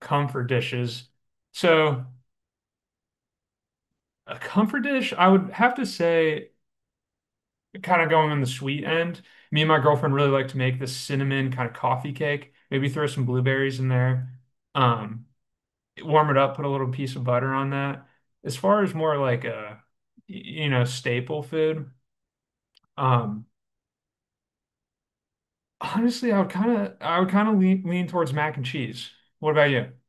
Comfort dishes. So a comfort dish, I would have to say, kind of going on the sweet end. Me and my girlfriend really like to make this cinnamon kind of coffee cake. Maybe throw some blueberries in there. Um, warm it up, put a little piece of butter on that. As far as more like a, staple food, um, honestly, I would kind of lean towards mac and cheese. What about you?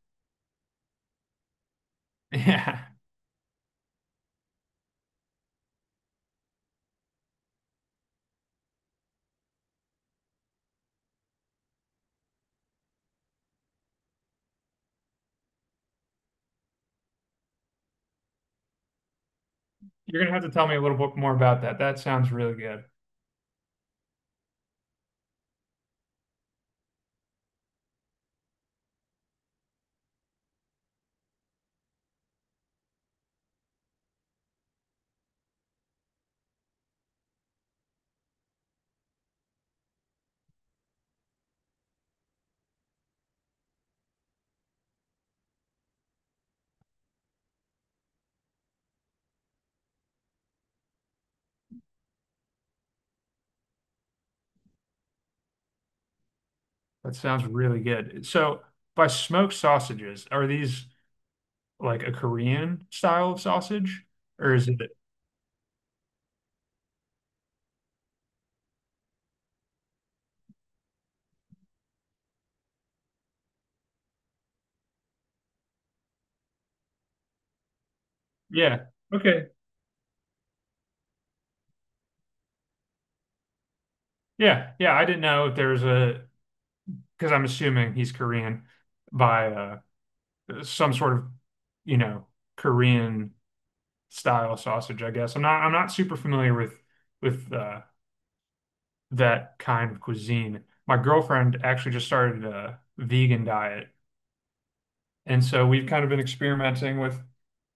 Yeah. You're gonna have to tell me a little bit more about that. That sounds really good. That sounds really good. So, by smoked sausages, are these like a Korean style of sausage, or is it? Yeah. Okay. Yeah. Yeah. I didn't know if there's a because I'm assuming he's Korean by some sort of, you know, Korean style sausage. I guess I'm not. I'm not super familiar with with uh, that kind of cuisine. My girlfriend actually just started a vegan diet, and so we've kind of been experimenting with.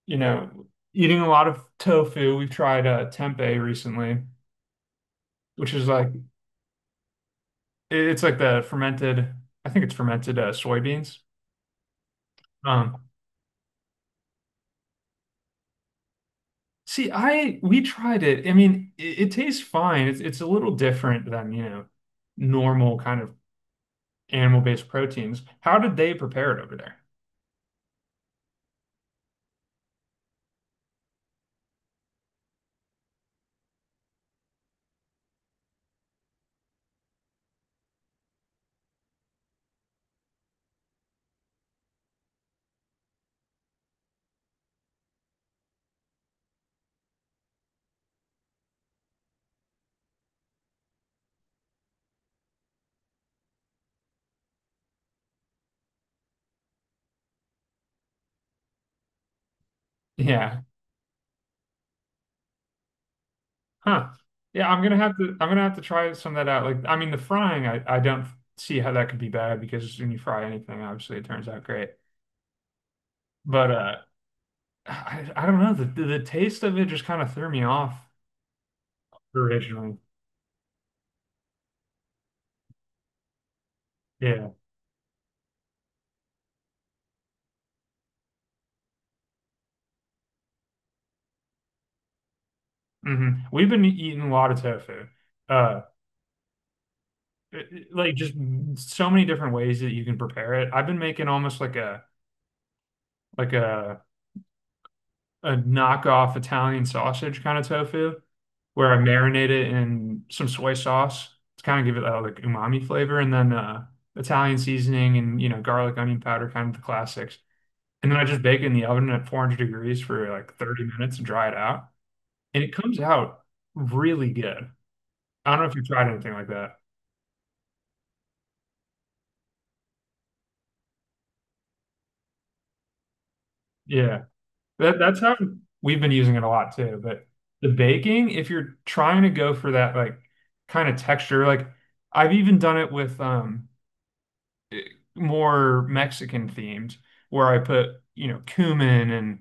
you know, Eating a lot of tofu. We've tried tempeh recently, which is like it's like the fermented, I think it's fermented soybeans. Um, see, I we tried it. I mean, it tastes fine. It's a little different than, normal kind of animal-based proteins. How did they prepare it over there? Yeah. Huh. Yeah, I'm gonna have to try some of that out. Like, I mean, the frying, I don't see how that could be bad because when you fry anything, obviously it turns out great. But I don't know. The taste of it just kind of threw me off originally. Yeah. We've been eating a lot of tofu. Uh, like, just so many different ways that you can prepare it. I've been making almost like a like a knockoff Italian sausage kind of tofu, where I marinate it in some soy sauce to kind of give it that like umami flavor, and then Italian seasoning and garlic, onion powder, kind of the classics. And then I just bake it in the oven at 400 degrees for like 30 minutes and dry it out. And it comes out really good. I don't know if you've tried anything like that. Yeah. That's how we've been using it a lot too. But the baking, if you're trying to go for that like kind of texture, like I've even done it with more Mexican themed where I put, cumin and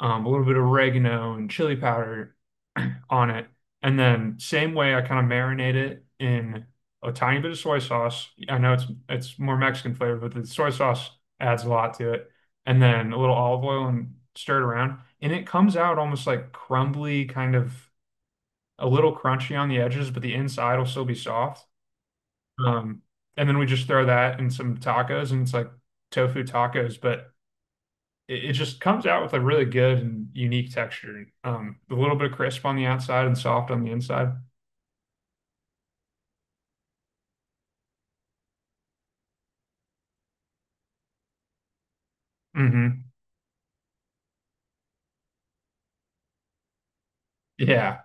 a little bit of oregano and chili powder on it. And then same way I kind of marinate it in a tiny bit of soy sauce. I know it's more Mexican flavor, but the soy sauce adds a lot to it. And then a little olive oil and stir it around. And it comes out almost like crumbly, kind of a little crunchy on the edges, but the inside will still be soft. Um, and then we just throw that in some tacos, and it's like tofu tacos, but it just comes out with a really good and unique texture. A little bit of crisp on the outside and soft on the inside. Hmm. Yeah.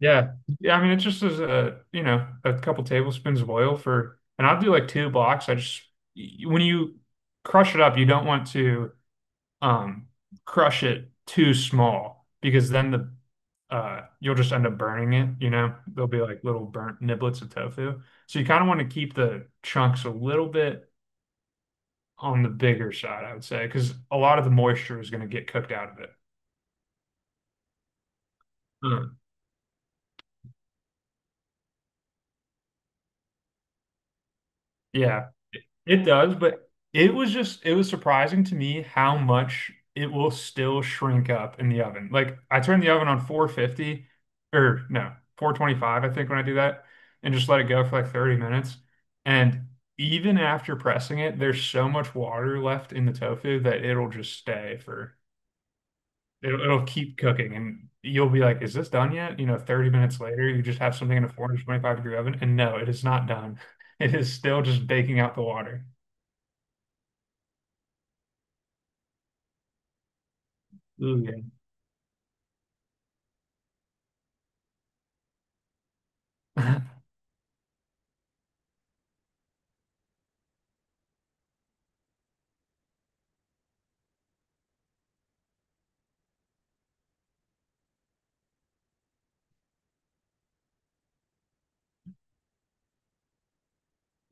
Yeah. Yeah. I mean, it just is a, a couple tablespoons of oil for, and I'll do like two blocks. I just, when you crush it up, you don't want to um crush it too small because then the you'll just end up burning it, you know? There'll be like little burnt niblets of tofu. So you kind of want to keep the chunks a little bit on the bigger side, I would say, because a lot of the moisture is going to get cooked out of it. Mm. Yeah, it does, but it was surprising to me how much it will still shrink up in the oven. Like I turn the oven on 450, or no, 425, I think, when I do that, and just let it go for like 30 minutes, and even after pressing it there's so much water left in the tofu that it'll just stay for it'll keep cooking, and you'll be like, is this done yet? You know, 30 minutes later you just have something in a 425 degree oven and no, it is not done. It is still just baking out the water. Ooh,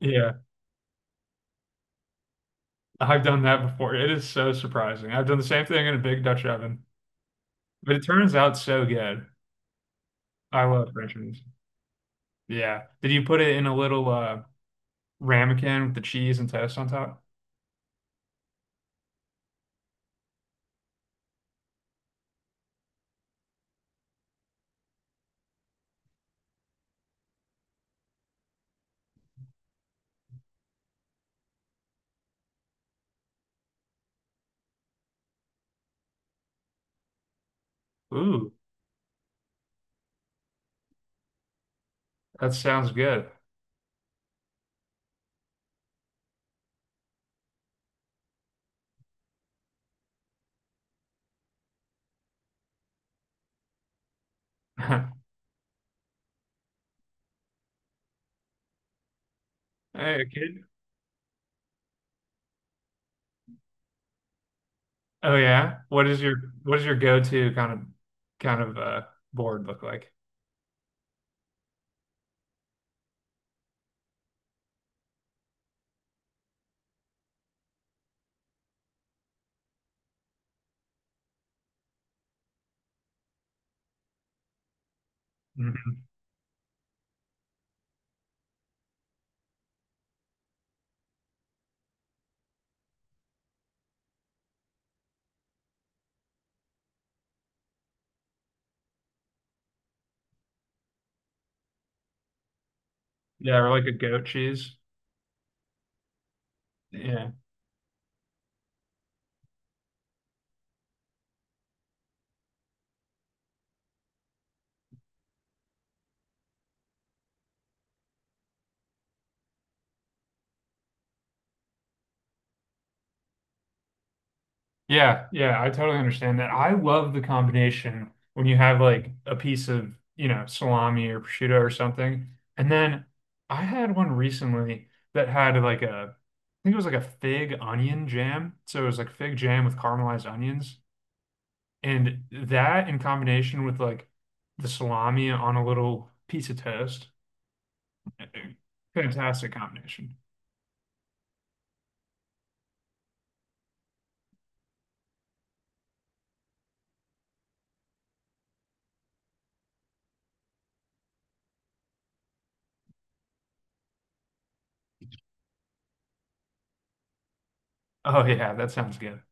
yeah, I've done that before. It is so surprising. I've done the same thing in a big Dutch oven, but it turns out so good. I love French fries. Yeah. Did you put it in a little ramekin with the cheese and toast on top? Ooh, that sounds good. Hey, kid. Oh yeah. What is your go-to kind of kind of board look like? Hmm. Yeah, or like a goat cheese. Yeah. Yeah, yeah, I totally understand that. I love the combination when you have like a piece of, salami or prosciutto or something. And then I had one recently that had like a, I think it was like a fig onion jam. So it was like fig jam with caramelized onions. And that in combination with like the salami on a little piece of toast, eh, eh, fantastic combination. Oh yeah, that sounds good.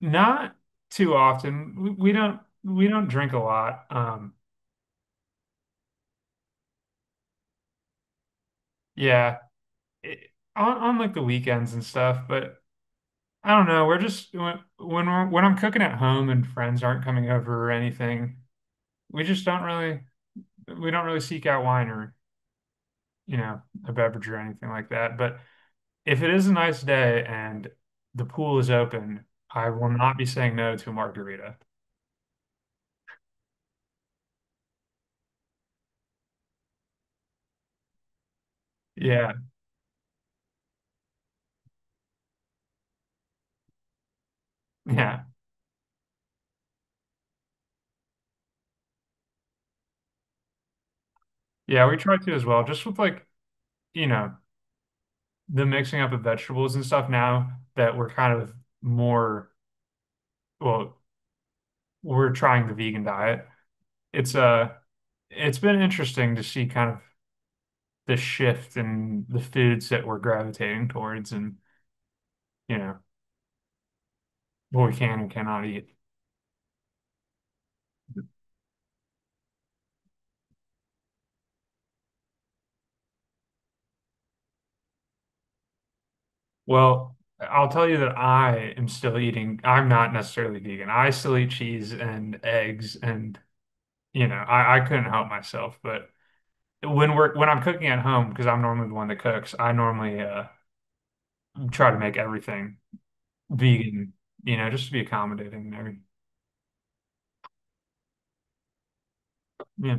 Not too often. We don't drink a lot. Yeah it, on like the weekends and stuff, but I don't know. We're just when we're, when I'm cooking at home and friends aren't coming over or anything, we just don't really we don't really seek out wine or you know a beverage or anything like that. But if it is a nice day and the pool is open, I will not be saying no to a margarita. Yeah, yeah, yeah. We try to as well, just with like you know the mixing up of vegetables and stuff now that we're kind of more, well, we're trying the vegan diet. It's uh it's been interesting to see kind of the shift in the foods that we're gravitating towards and you know what we can and cannot eat. Well, I'll tell you that I am still eating. I'm not necessarily vegan. I still eat cheese and eggs and, I couldn't help myself, but when we're when I'm cooking at home, because I'm normally the one that cooks, I normally try to make everything vegan, just to be accommodating and everything. Yeah.